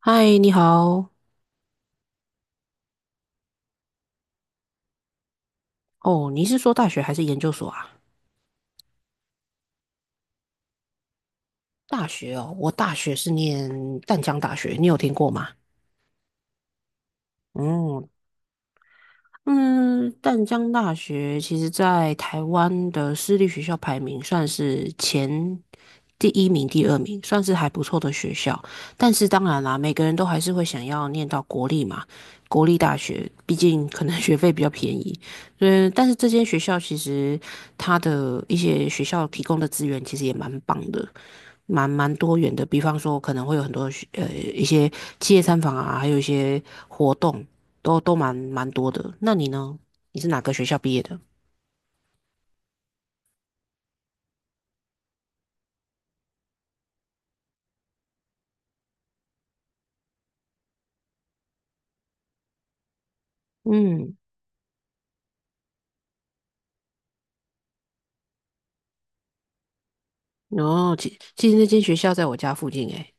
嗨，你好。哦，你是说大学还是研究所啊？大学哦，我大学是念淡江大学，你有听过吗？嗯嗯，淡江大学其实在台湾的私立学校排名算是前第一名、第二名，算是还不错的学校。但是当然啦，每个人都还是会想要念到国立嘛，国立大学，毕竟可能 学费比较便宜。嗯，但是这间学校其实它的一些学校提供的资源其实也蛮棒的。蛮多元的，比方说可能会有很多学一些企业参访啊，还有一些活动，都蛮多的。那你呢？你是哪个学校毕业的？嗯，哦，其实那间学校在我家附近诶。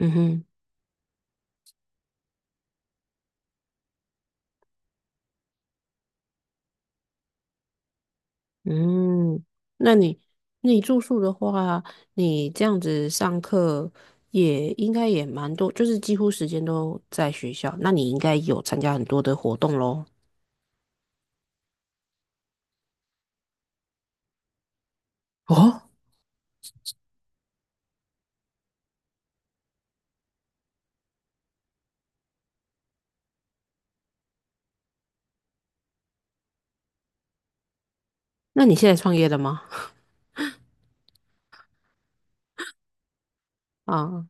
嗯哼。嗯，那你那你住宿的话，你这样子上课也应该也蛮多，就是几乎时间都在学校，那你应该有参加很多的活动喽。哦，那你现在创业了吗？啊。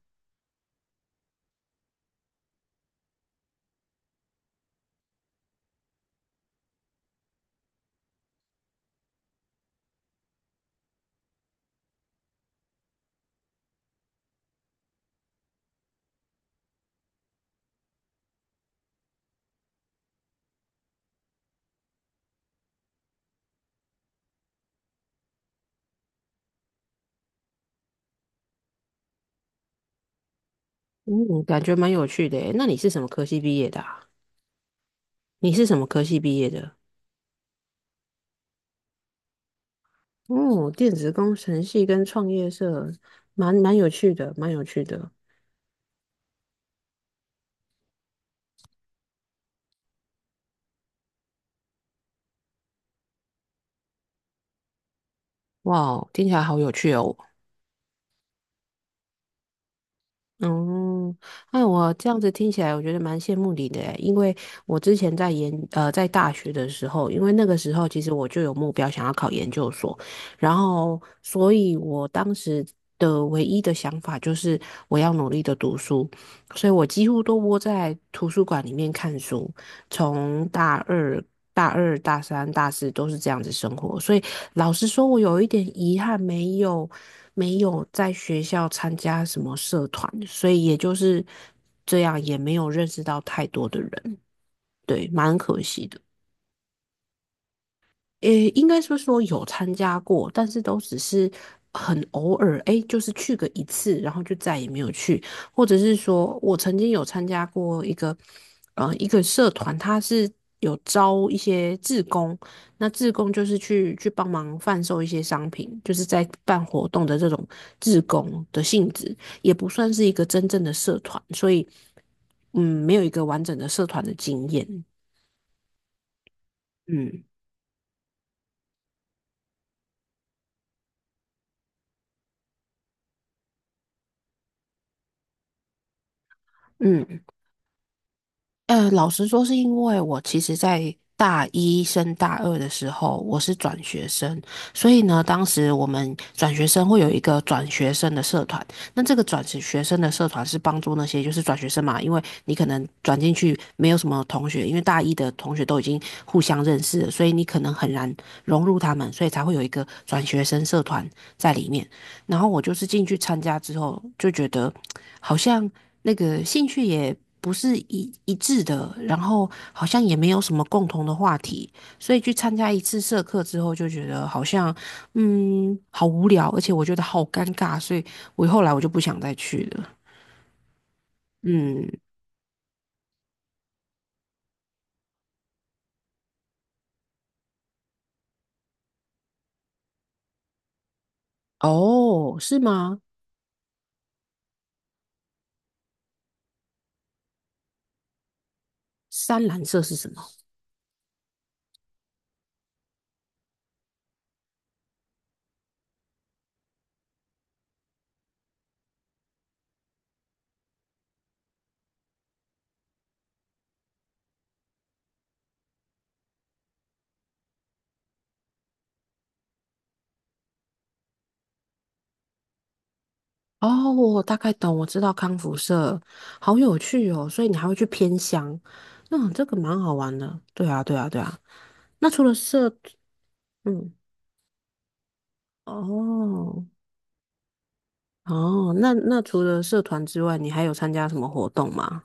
嗯，感觉蛮有趣的诶。那你是什么科系毕业的啊？你是什么科系毕业的？哦，电子工程系跟创业社，蛮有趣的，蛮有趣的。哇哦，听起来好有趣哦！哦，那我这样子听起来，我觉得蛮羡慕你的诶。因为我之前在在大学的时候，因为那个时候其实我就有目标想要考研究所，然后所以我当时的唯一的想法就是我要努力的读书，所以我几乎都窝在图书馆里面看书，从大三、大四都是这样子生活，所以老实说，我有一点遗憾，没有在学校参加什么社团，所以也就是这样，也没有认识到太多的人，对，蛮可惜的。诶，应该说有参加过，但是都只是很偶尔，哎，就是去个一次，然后就再也没有去，或者是说我曾经有参加过一个，一个社团，它是有招一些志工，那志工就是去帮忙贩售一些商品，就是在办活动的这种志工的性质，也不算是一个真正的社团，所以，嗯，没有一个完整的社团的经验，嗯。嗯，老实说，是因为我其实，在大一升大二的时候，我是转学生，所以呢，当时我们转学生会有一个转学生的社团。那这个转学生的社团是帮助那些就是转学生嘛，因为你可能转进去没有什么同学，因为大一的同学都已经互相认识了，所以你可能很难融入他们，所以才会有一个转学生社团在里面。然后我就是进去参加之后，就觉得 好像那个兴趣也不是一致的，然后好像也没有什么共同的话题，所以去参加一次社课之后，就觉得好像好无聊，而且我觉得好尴尬，所以我后来就不想再去了。嗯。哦，是吗？三蓝色是什么？哦，我大概懂，我知道康复社，好有趣哦，所以你还会去偏乡。那这个蛮好玩的。对啊，对啊，对啊。那除了社，嗯，哦。哦，那那除了社团之外，你还有参加什么活动吗？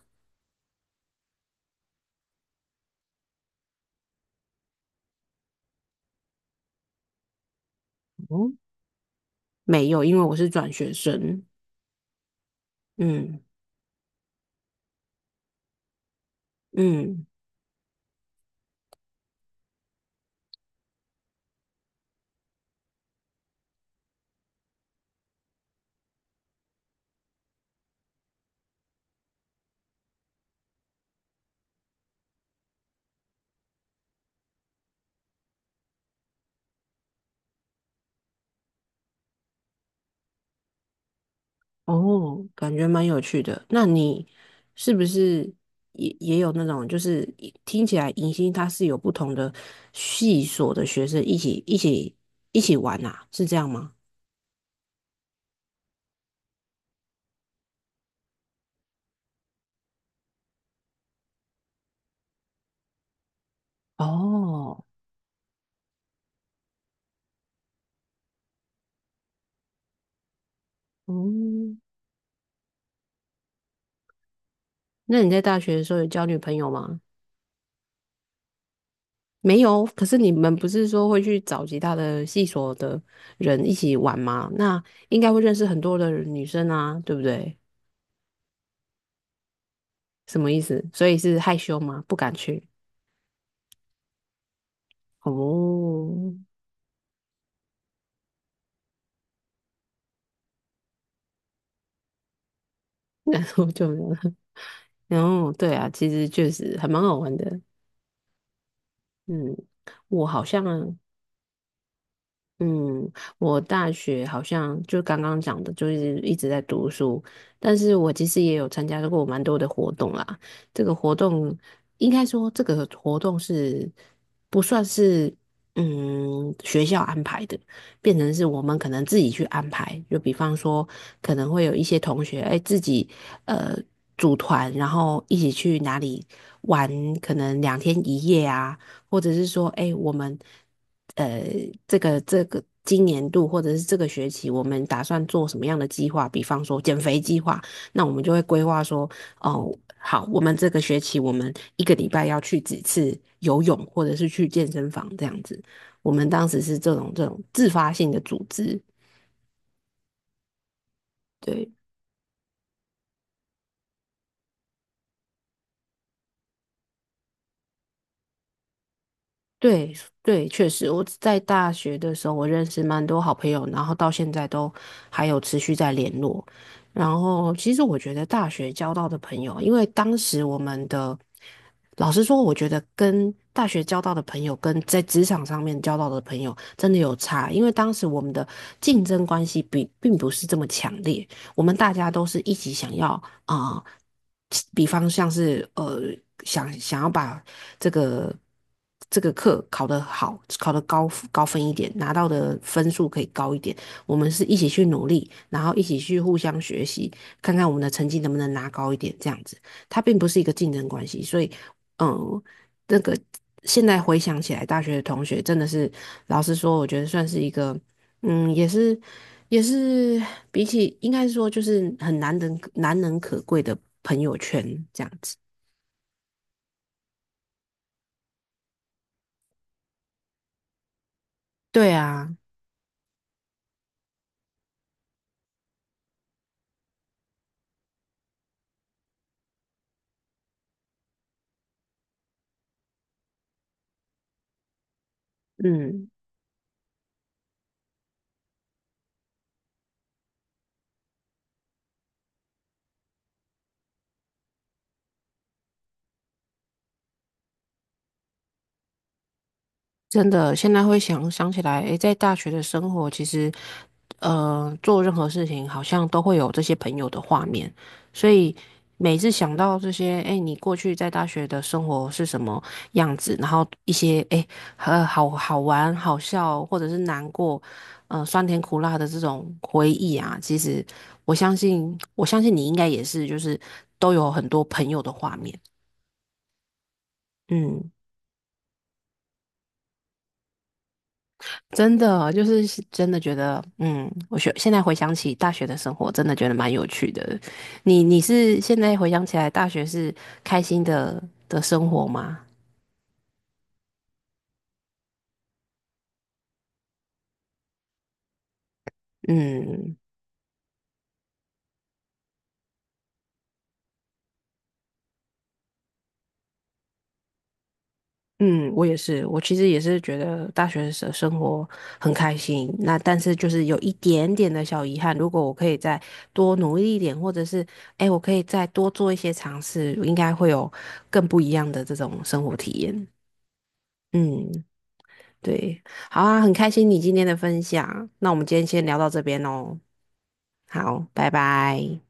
哦，没有，因为我是转学生。嗯嗯。哦，感觉蛮有趣的。那你是不是也有那种，就是一听起来迎新它是有不同的系所的学生一起玩呐、是这样吗？哦。嗯，那你在大学的时候有交女朋友吗？没有，可是你们不是说会去找其他的系所的人一起玩吗？那应该会认识很多的女生啊，对不对？什么意思？所以是害羞吗？不敢去？哦。然后就没有了。然后对啊，其实确实还蛮好玩的。嗯，我好像。嗯，我大学好像就刚刚讲的，就是一直在读书，但是我其实也有参加过蛮多的活动啦。这个活动应该说，这个活动是不算是学校安排的，变成是我们可能自己去安排。就比方说，可能会有一些同学哎自己呃组团，然后一起去哪里玩，可能两天一夜啊。或者是说，哎，我们呃，这个今年度或者是这个学期，我们打算做什么样的计划？比方说减肥计划，那我们就会规划说，哦，好，我们这个学期我们一个礼拜要去几次游泳，或者是去健身房这样子。我们当时是这种自发性的组织，对。对对，确实，我在大学的时候，我认识蛮多好朋友，然后到现在都还有持续在联络。然后，其实我觉得大学交到的朋友，因为当时我们的，老实说，我觉得跟大学交到的朋友跟在职场上面交到的朋友真的有差，因为当时我们的竞争关系比并不是这么强烈，我们大家都是一起想要啊、呃比方像是想要把这个这个课考得好，考得高分一点，拿到的分数可以高一点。我们是一起去努力，然后一起去互相学习，看看我们的成绩能不能拿高一点，这样子。它并不是一个竞争关系，所以，嗯，那个现在回想起来，大学的同学真的是，老实说，我觉得算是一个，嗯，也是比起应该说就是很难能难能可贵的朋友圈这样子。对啊，嗯。真的，现在会想起来，诶，在大学的生活，其实，呃，做任何事情好像都会有这些朋友的画面，所以每次想到这些，诶，你过去在大学的生活是什么样子，然后一些，诶，好玩、好笑，或者是难过，酸甜苦辣的这种回忆啊，其实我相信你应该也是，就是都有很多朋友的画面，嗯。真的就是真的觉得，嗯，现在回想起大学的生活，真的觉得蛮有趣的。你是现在回想起来，大学是开心的生活吗？嗯嗯，我也是，我其实也是觉得大学的生活很开心。那但是就是有一点点的小遗憾，如果我可以再多努力一点，或者是哎，我可以再多做一些尝试，应该会有更不一样的这种生活体验。嗯。对，好啊，很开心你今天的分享，那我们今天先聊到这边哦，好，拜拜。